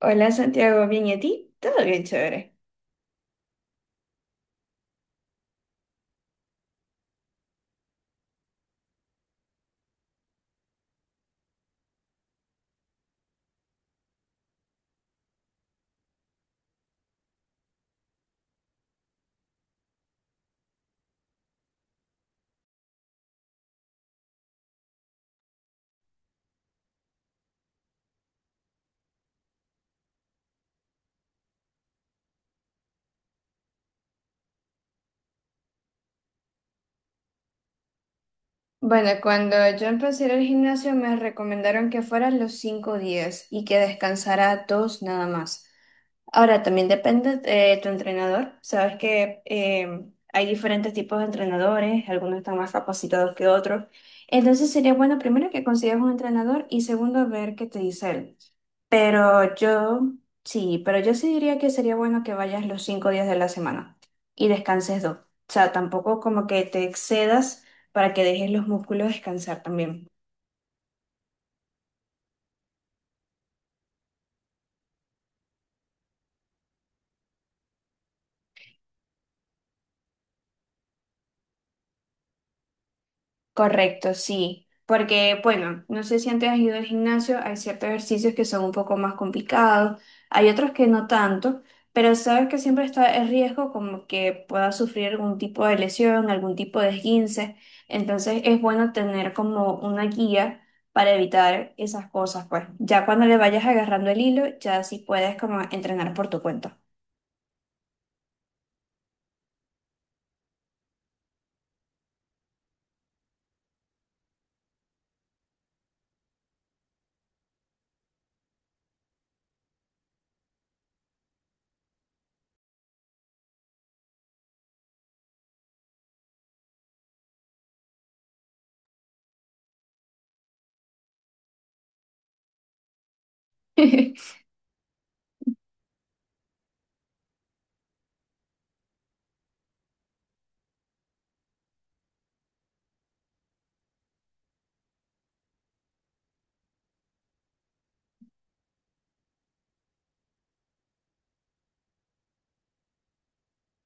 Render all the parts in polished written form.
Hola Santiago, ¿bien y a ti? Todo bien, chévere. Bueno, cuando yo empecé a ir al gimnasio me recomendaron que fueran los 5 días y que descansara dos nada más. Ahora, también depende de tu entrenador. Sabes que hay diferentes tipos de entrenadores, algunos están más capacitados que otros. Entonces sería bueno primero que consigas un entrenador y segundo ver qué te dice él. Pero yo, sí, pero yo sí diría que sería bueno que vayas los 5 días de la semana y descanses dos. O sea, tampoco como que te excedas para que dejes los músculos descansar también. Correcto, sí. Porque, bueno, no sé si antes has ido al gimnasio, hay ciertos ejercicios que son un poco más complicados, hay otros que no tanto, pero sabes que siempre está el riesgo como que puedas sufrir algún tipo de lesión, algún tipo de esguince, entonces es bueno tener como una guía para evitar esas cosas, pues. Ya cuando le vayas agarrando el hilo, ya sí puedes como entrenar por tu cuenta.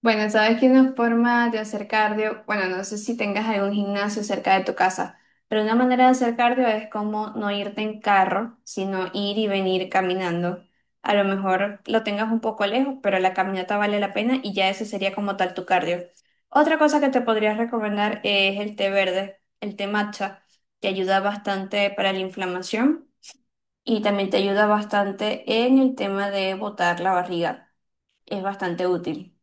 Bueno, sabes que una forma de hacer cardio, bueno, no sé si tengas algún gimnasio cerca de tu casa, pero una manera de hacer cardio es como no irte en carro, sino ir y venir caminando. A lo mejor lo tengas un poco lejos, pero la caminata vale la pena y ya eso sería como tal tu cardio. Otra cosa que te podría recomendar es el té verde, el té matcha, que ayuda bastante para la inflamación y también te ayuda bastante en el tema de botar la barriga. Es bastante útil.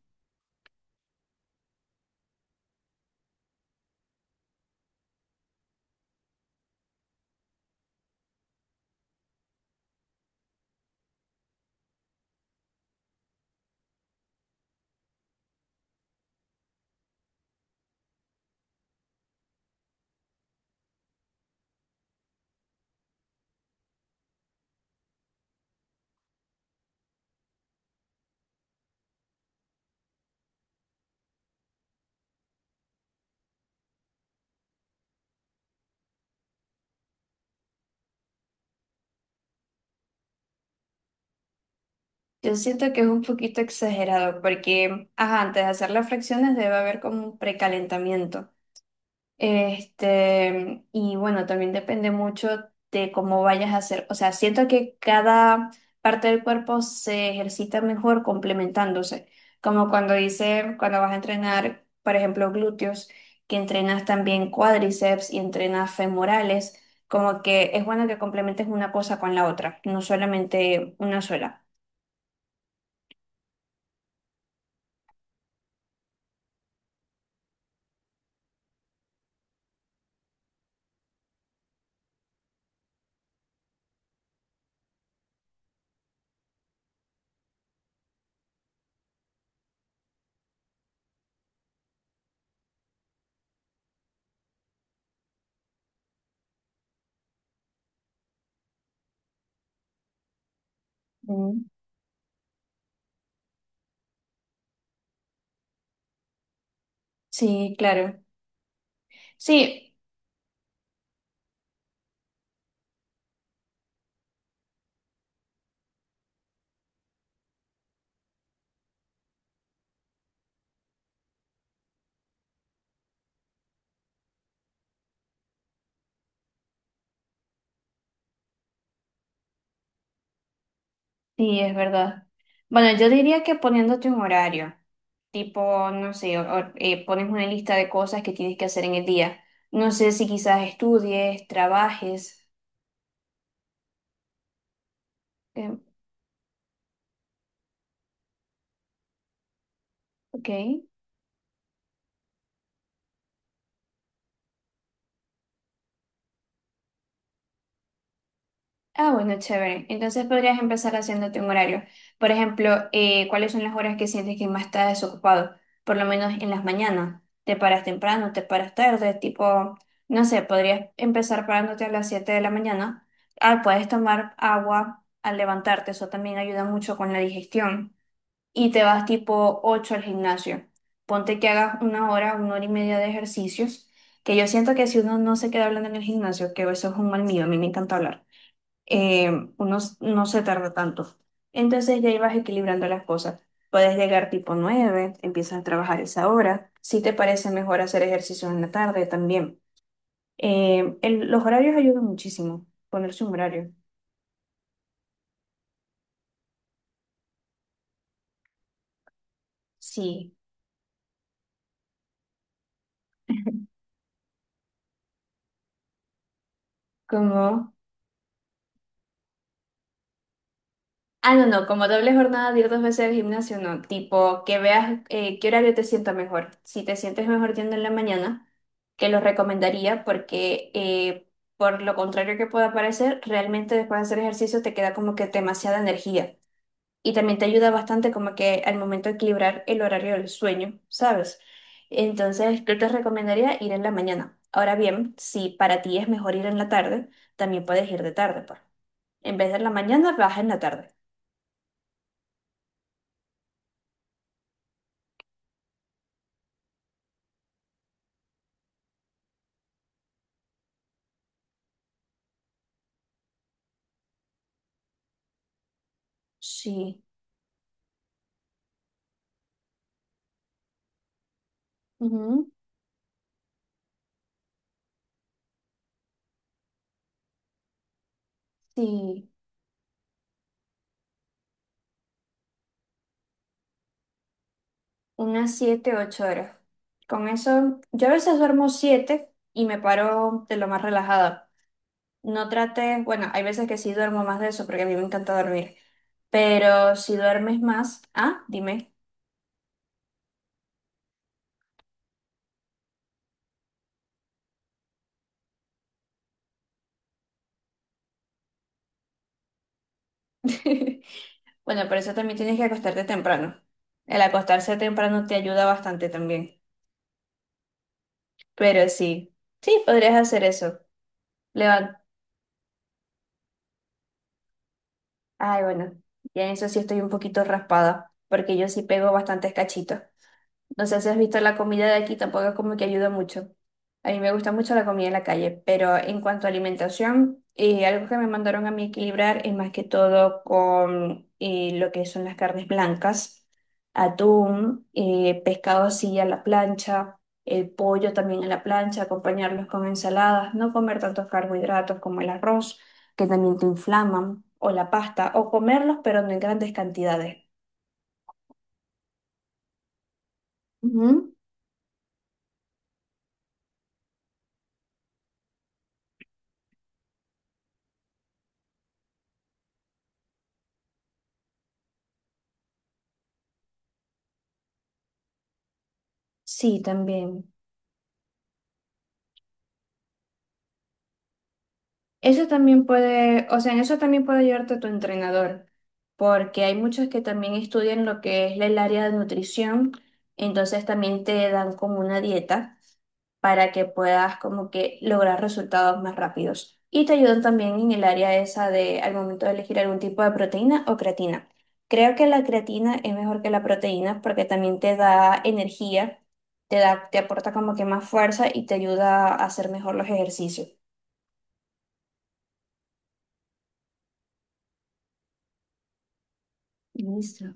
Yo siento que es un poquito exagerado porque, ajá, antes de hacer las fracciones debe haber como un precalentamiento. Este, y bueno, también depende mucho de cómo vayas a hacer. O sea, siento que cada parte del cuerpo se ejercita mejor complementándose. Como cuando dice, cuando vas a entrenar, por ejemplo, glúteos, que entrenas también cuádriceps y entrenas femorales, como que es bueno que complementes una cosa con la otra, no solamente una sola. Sí, claro. Sí, sí, es verdad. Bueno, yo diría que poniéndote un horario, tipo, no sé, o pones una lista de cosas que tienes que hacer en el día. No sé si quizás estudies, trabajes. eh, ok. Ah, bueno, chévere. Entonces podrías empezar haciéndote un horario. Por ejemplo, ¿cuáles son las horas que sientes que más estás desocupado? Por lo menos en las mañanas. ¿Te paras temprano? ¿Te paras tarde? Tipo, no sé, podrías empezar parándote a las 7 de la mañana. Ah, puedes tomar agua al levantarte. Eso también ayuda mucho con la digestión. Y te vas tipo 8 al gimnasio. Ponte que hagas 1 hora, 1 hora y media de ejercicios. Que yo siento que si uno no se queda hablando en el gimnasio, que eso es un mal mío, a mí me encanta hablar eh, uno no se tarda tanto. Entonces ya ibas equilibrando las cosas. Puedes llegar tipo 9, empiezas a trabajar esa hora. Si te parece mejor hacer ejercicios en la tarde también. El- los horarios ayudan muchísimo, ponerse un horario. Sí, como Ah, no, no, como doble jornada de ir dos veces al gimnasio, no. Tipo, que veas qué horario te sienta mejor. Si te sientes mejor yendo en la mañana, que lo recomendaría porque por lo contrario que pueda parecer, realmente después de hacer ejercicio te queda como que demasiada energía. Y también te ayuda bastante como que al momento de equilibrar el horario del sueño, ¿sabes? Entonces, yo te recomendaría ir en la mañana. Ahora bien, si para ti es mejor ir en la tarde, también puedes ir de tarde, pues. En vez de en la mañana, vas en la tarde. Sí. Ujú. Sí, unas 7, 8 horas. Con eso, yo a veces duermo 7 y me paro de lo más relajada. No trate, bueno, hay veces que sí duermo más de eso porque a mí me encanta dormir. Pero si duermes más, ah, dime. Bueno, por eso también tienes que acostarte temprano. El acostarse temprano te ayuda bastante también. Pero sí, sí, podrías hacer eso. Levan. Ay, bueno, ya en eso sí estoy un poquito raspada, porque yo sí pego bastantes cachitos. No sé si has visto la comida de aquí, tampoco es como que ayuda mucho. A mí me gusta mucho la comida en la calle, pero en cuanto a alimentación, algo que me mandaron a mí equilibrar es más que todo con lo que son las carnes blancas, atún, pescado así a la plancha, el pollo también a la plancha, acompañarlos con ensaladas, no comer tantos carbohidratos como el arroz, que también te inflaman, o la pasta, o comerlos pero no en grandes cantidades. Ujú. Sí, también. Eso también puede, o sea, en eso también puede ayudarte tu entrenador, porque hay muchos que también estudian lo que es el área de nutrición, entonces también te dan como una dieta para que puedas como que lograr resultados más rápidos. Y te ayudan también en el área esa de al momento de elegir algún tipo de proteína o creatina. Creo que la creatina es mejor que la proteína porque también te da energía, te da, te aporta como que más fuerza y te ayuda a hacer mejor los ejercicios. Listo.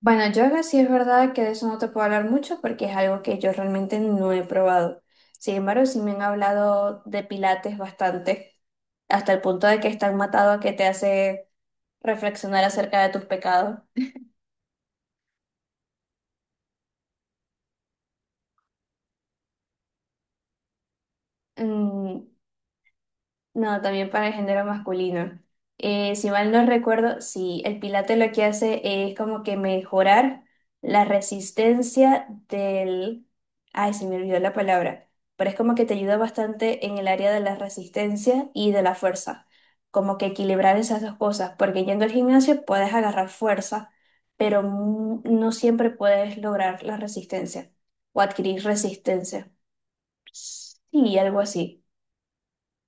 Bueno, yoga sí es verdad que de eso no te puedo hablar mucho porque es algo que yo realmente no he probado. Sin embargo, sí me han hablado de pilates bastante, hasta el punto de que están matado a que te hace reflexionar acerca de tus pecados. Mm. No, también para el género masculino. Si mal no recuerdo, sí, el Pilates lo que hace es como que mejorar la resistencia del... Ay, se me olvidó la palabra, pero es como que te ayuda bastante en el área de la resistencia y de la fuerza, como que equilibrar esas dos cosas, porque yendo al gimnasio puedes agarrar fuerza, pero no siempre puedes lograr la resistencia o adquirir resistencia. Sí, algo así.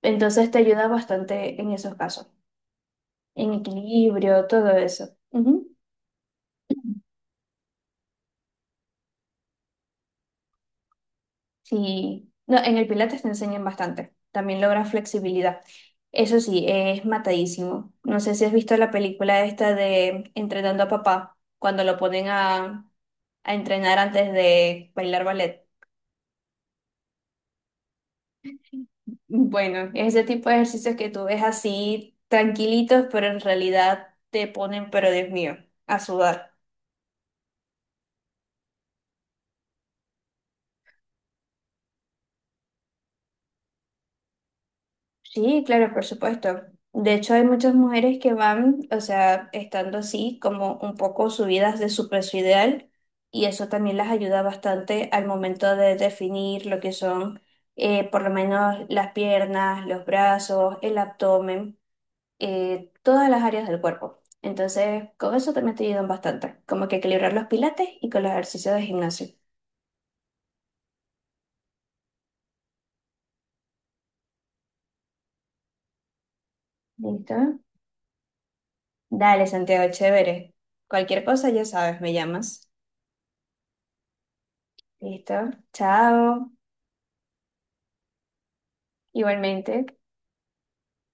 Entonces te ayuda bastante en esos casos, en equilibrio, todo eso. Ujú. Sí, no, en el Pilates te enseñan bastante, también logras flexibilidad. Eso sí, es matadísimo. No sé si has visto la película esta de Entrenando a Papá, cuando lo ponen a, entrenar antes de bailar ballet. Bueno, ese tipo de ejercicios que tú ves así tranquilitos, pero en realidad te ponen, pero Dios mío, a sudar. Sí, claro, por supuesto. De hecho, hay muchas mujeres que van, o sea, estando así, como un poco subidas de su peso ideal, y eso también las ayuda bastante al momento de definir lo que son, por lo menos, las piernas, los brazos, el abdomen, todas las áreas del cuerpo. Entonces, con eso también te ayudan bastante, como que equilibrar los pilates y con los ejercicios de gimnasio. ¿Listo? Dale, Santiago, chévere. Cualquier cosa, ya sabes, me llamas. Listo. Chao. Igualmente.